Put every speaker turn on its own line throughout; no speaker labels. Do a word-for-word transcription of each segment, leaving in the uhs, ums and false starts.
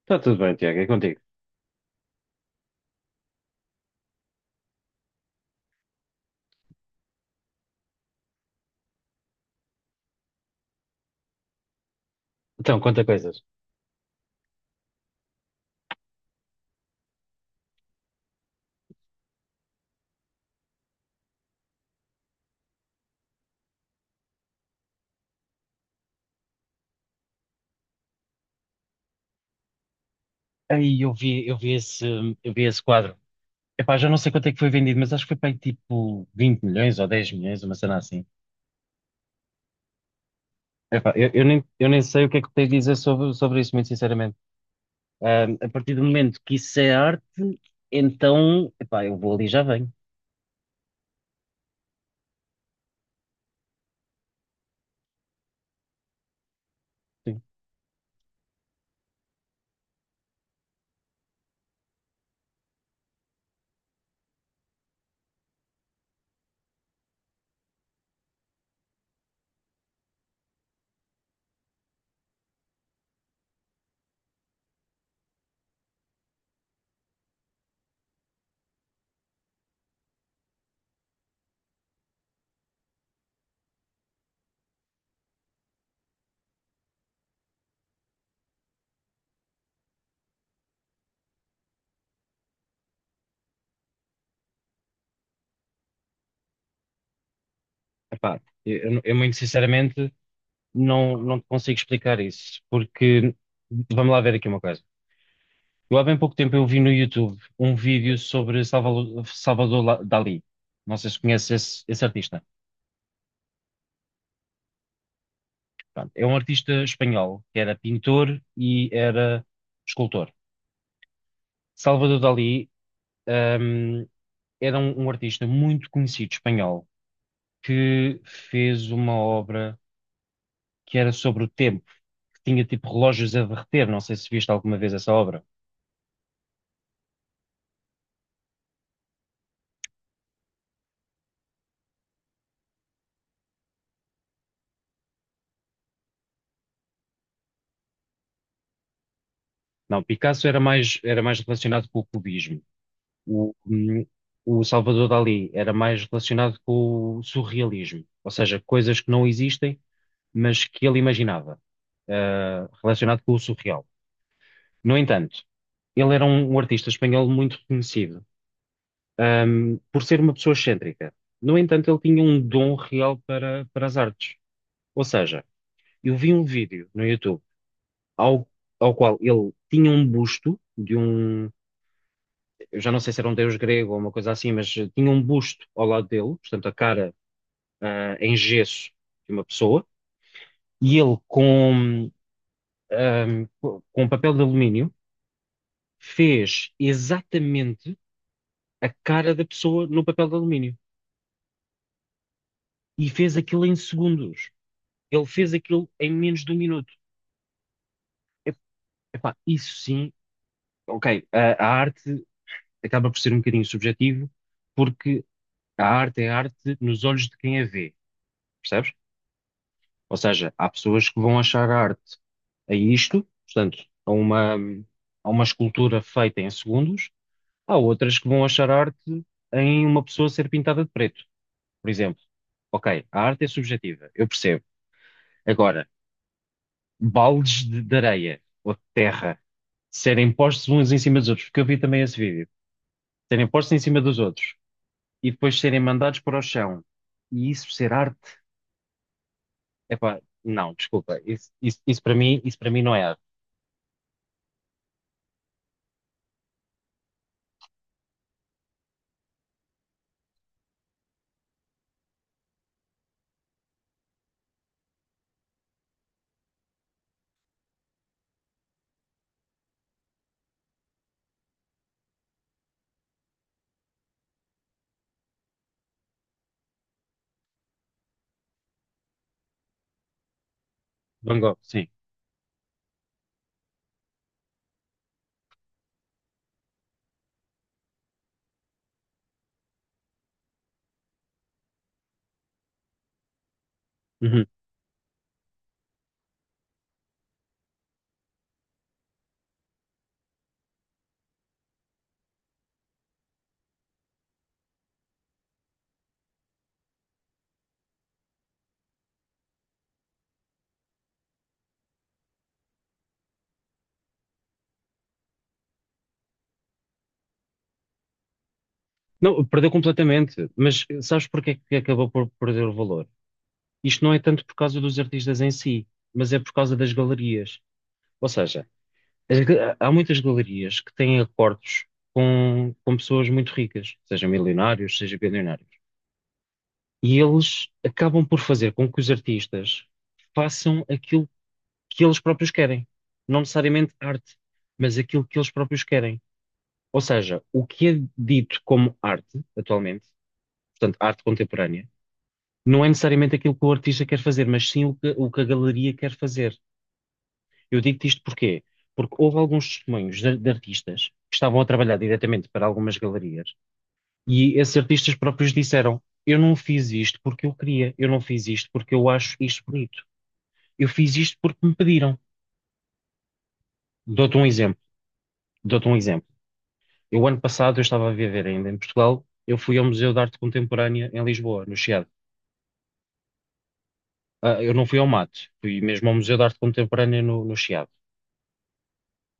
Está tudo bem, Tiago, é contigo. Então, conta coisas. Aí eu vi, eu vi esse, eu vi esse quadro. Epá, já não sei quanto é que foi vendido, mas acho que foi para aí tipo vinte milhões ou dez milhões, uma cena assim. Epá, eu, eu nem, eu nem sei o que é que tens de dizer sobre, sobre isso, muito sinceramente. Ahm, a partir do momento que isso é arte, então, epá, eu vou ali e já venho. Sim. Epá, eu, eu- eu muito sinceramente não, não te consigo explicar isso, porque vamos lá ver aqui uma coisa. Eu há bem pouco tempo eu vi no YouTube um vídeo sobre Salvalo- Salvador, La- Dalí. Não sei se conheces esse, esse artista. Pronto, é um artista espanhol que era pintor e era escultor. Salvador Dalí, hum, era um, um artista muito conhecido espanhol que fez uma obra que era sobre o tempo, que tinha tipo relógios a derreter. Não sei se viste alguma vez essa obra. Não, Picasso era mais, era mais, relacionado com o cubismo. O, hum, o Salvador Dalí era mais relacionado com o surrealismo, ou seja, coisas que não existem, mas que ele imaginava, ah, relacionado com o surreal. No entanto, ele era um, um artista espanhol muito reconhecido, ahm, por ser uma pessoa excêntrica. No entanto, ele tinha um dom real para, para as artes. Ou seja, eu vi um vídeo no YouTube ao, ao qual ele tinha um busto de um eu já não sei se era um deus grego ou uma coisa assim, mas eh, tinha um busto ao lado dele, portanto, a cara, ah, em gesso de uma pessoa, e ele com, ahm, co- com um papel de alumínio fez exatamente a cara da pessoa no papel de alumínio e fez aquilo em segundos. Ele fez aquilo em menos de um minuto. Ep- Epá, isso sim, ok, a, a arte acaba por ser um bocadinho subjetivo, porque a arte é arte nos olhos de quem a vê, percebes? Ou seja, há pessoas que vão achar a arte a isto, portanto, a uma, a uma escultura feita em segundos, há outras que vão achar a arte em uma pessoa ser pintada de preto, por exemplo. Ok, a arte é subjetiva, eu percebo. Agora, baldes de, de areia ou de terra serem postos uns em cima dos outros, porque eu vi também esse vídeo, serem postos em cima dos outros e depois serem mandados para o chão e isso ser arte, epá, não, desculpa, isso, isso, isso para mim, isso para mim não é arte. Van Gogh, sim. Uhum. Não, perdeu completamente. Mas sabes porque é que acabou por perder o valor? Isto não é tanto por causa dos artistas em si, mas é por causa das galerias. Ou seja, as ga- há muitas galerias que têm acordos com, com pessoas muito ricas, seja milionários, seja bilionários. E eles acabam por fazer com que os artistas façam aquilo que eles próprios querem. Não necessariamente arte, mas aquilo que eles próprios querem. Ou seja, o que é dito como arte, atualmente, portanto, arte contemporânea não é necessariamente aquilo que o artista quer fazer, mas sim o que, o que a galeria quer fazer. Eu digo-te isto porquê? Porque houve alguns testemunhos de, de artistas que estavam a trabalhar diretamente para algumas galerias e esses artistas próprios disseram: eu não fiz isto porque eu queria, eu não fiz isto porque eu acho isto bonito, eu fiz isto porque me pediram. Dou-te um exemplo, dou-te um exemplo. Eu, ano passado, eu estava a viver ainda em Portugal, eu fui ao Museu de Arte Contemporânea em Lisboa, no Chiado. Ah, eu não fui ao Mat, fui mesmo ao Museu de Arte Contemporânea no, no Chiado.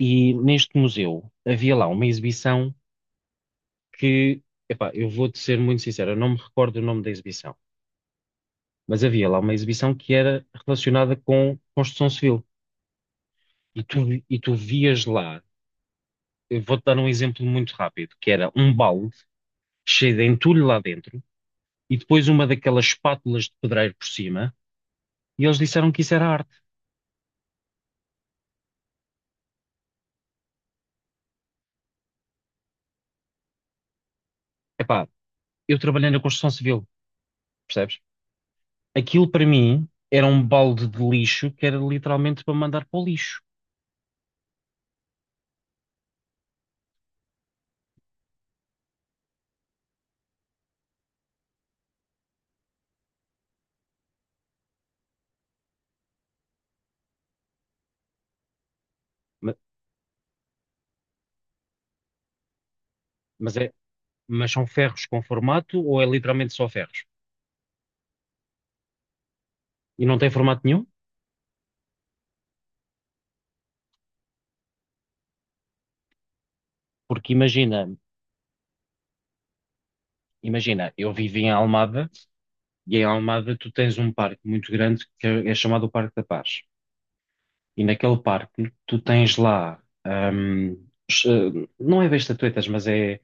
E neste museu havia lá uma exibição que, epá, eu vou-te ser muito sincero, eu não me recordo o nome da exibição, mas havia lá uma exibição que era relacionada com construção civil. E tu, e tu vias lá, eu vou-te dar um exemplo muito rápido, que era um balde cheio de entulho lá dentro e depois uma daquelas espátulas de pedreiro por cima, e eles disseram que isso era arte. Epá, eu trabalhei na construção civil, percebes? Aquilo para mim era um balde de lixo que era literalmente para mandar para o lixo. Ma- Mas, mas são ferros com formato ou é literalmente só ferros? E não tem formato nenhum? Porque imagina, imagina, eu vivi em Almada e em Almada tu tens um parque muito grande que é é chamado o Parque da Paz. E naquele parque tu tens lá, hum, es- eh, não é bem estatuetas, mas é,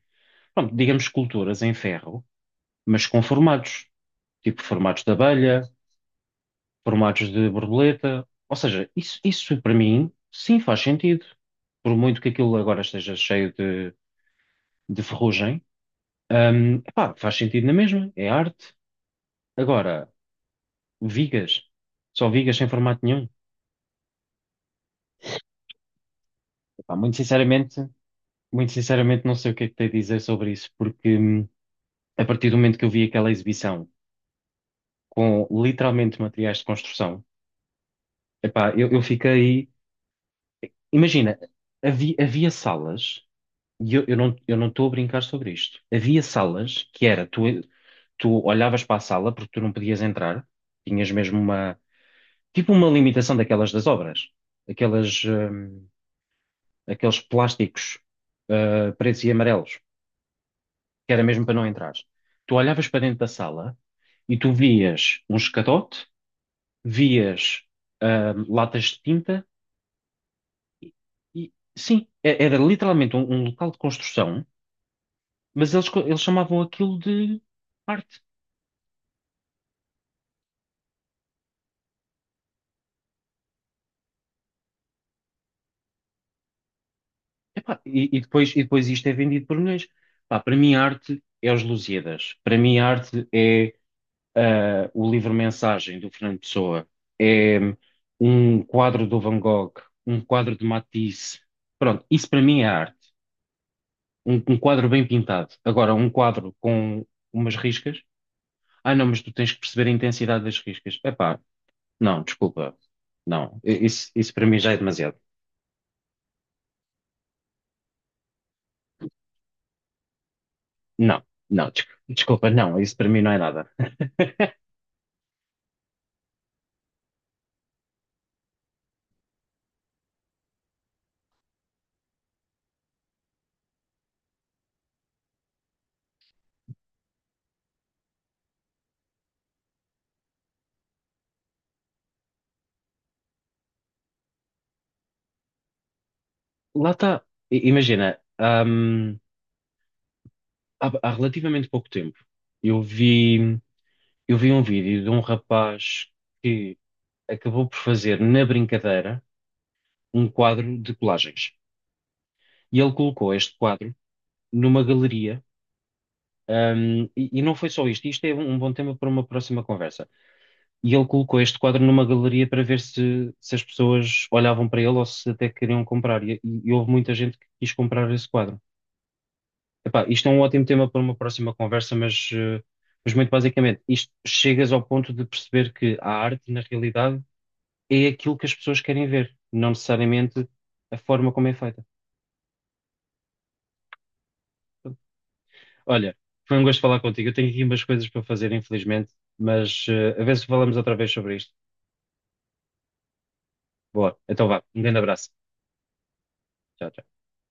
pronto, digamos, esculturas em ferro, mas com formatos, tipo formatos de abelha, formatos de borboleta. Ou seja, isso, isso para mim, sim, faz sentido. Por muito que aquilo agora esteja cheio de de ferrugem, hum, epá, faz sentido na mesma, é arte. Agora, vigas, só vigas sem formato nenhum. Epá, muito sinceramente, muito sinceramente não sei o que é que tenho a dizer sobre isso, porque hum, a partir do momento que eu vi aquela exibição com literalmente materiais de construção, epá, eu, eu fiquei. Imagina, havia, havia salas, e eu, eu não, eu não estou a brincar sobre isto. Havia salas que era, tu, tu olhavas para a sala porque tu não podias entrar, tinhas mesmo tipo uma limitação daquelas das obras, aquelas, hum, aqueles plásticos uh, pretos e amarelos, que era mesmo para não entrar. Tu olhavas para dentro da sala e tu vias um escadote, vias hum, latas de tinta e, e- sim, e- era literalmente um, um local de construção, mas eles, co- eles chamavam aquilo de arte. Epá, e, e depois, e depois isto é vendido por milhões. Pá, para mim, a arte é os Lusíadas. Para mim, a arte é. Ah, o livro-mensagem do Fernando Pessoa, é um quadro do Van Gogh, um quadro de Matisse. Pronto, isso para mim é arte. Um, um quadro bem pintado. Agora, um quadro com umas riscas. Ah, não, mas tu tens que perceber a intensidade das riscas. Epá, não, desculpa. Não, i- isso, isso para mim já é demasiado. Não, não, des- desculpa, não, isso para mim não é nada. Lá está. I- Imagina, hum, há, há relativamente pouco tempo, eu vi. Eu vi um vídeo de um rapaz que acabou por fazer, na brincadeira, um quadro de colagens. E ele colocou este quadro numa galeria. ahm, e, e não foi só isto. Isto é um, um bom tema para uma próxima conversa. E ele colocou este quadro numa galeria para ver se, se, as pessoas olhavam para ele ou se até queriam comprar. E, e- e houve muita gente que quis comprar esse quadro. Epá, isto é um ótimo tema para uma próxima conversa, mas, eh, mas muito basicamente, isto chegas ao ponto de perceber que a arte, na realidade, é aquilo que as pessoas querem ver, não necessariamente a forma como é feita. Portanto, olha, foi um gosto falar contigo. Eu tenho aqui umas coisas para fazer, infelizmente, mas eh, a ver se falamos outra vez sobre isto. Boa, então vá, um grande abraço. Tchau, tchau.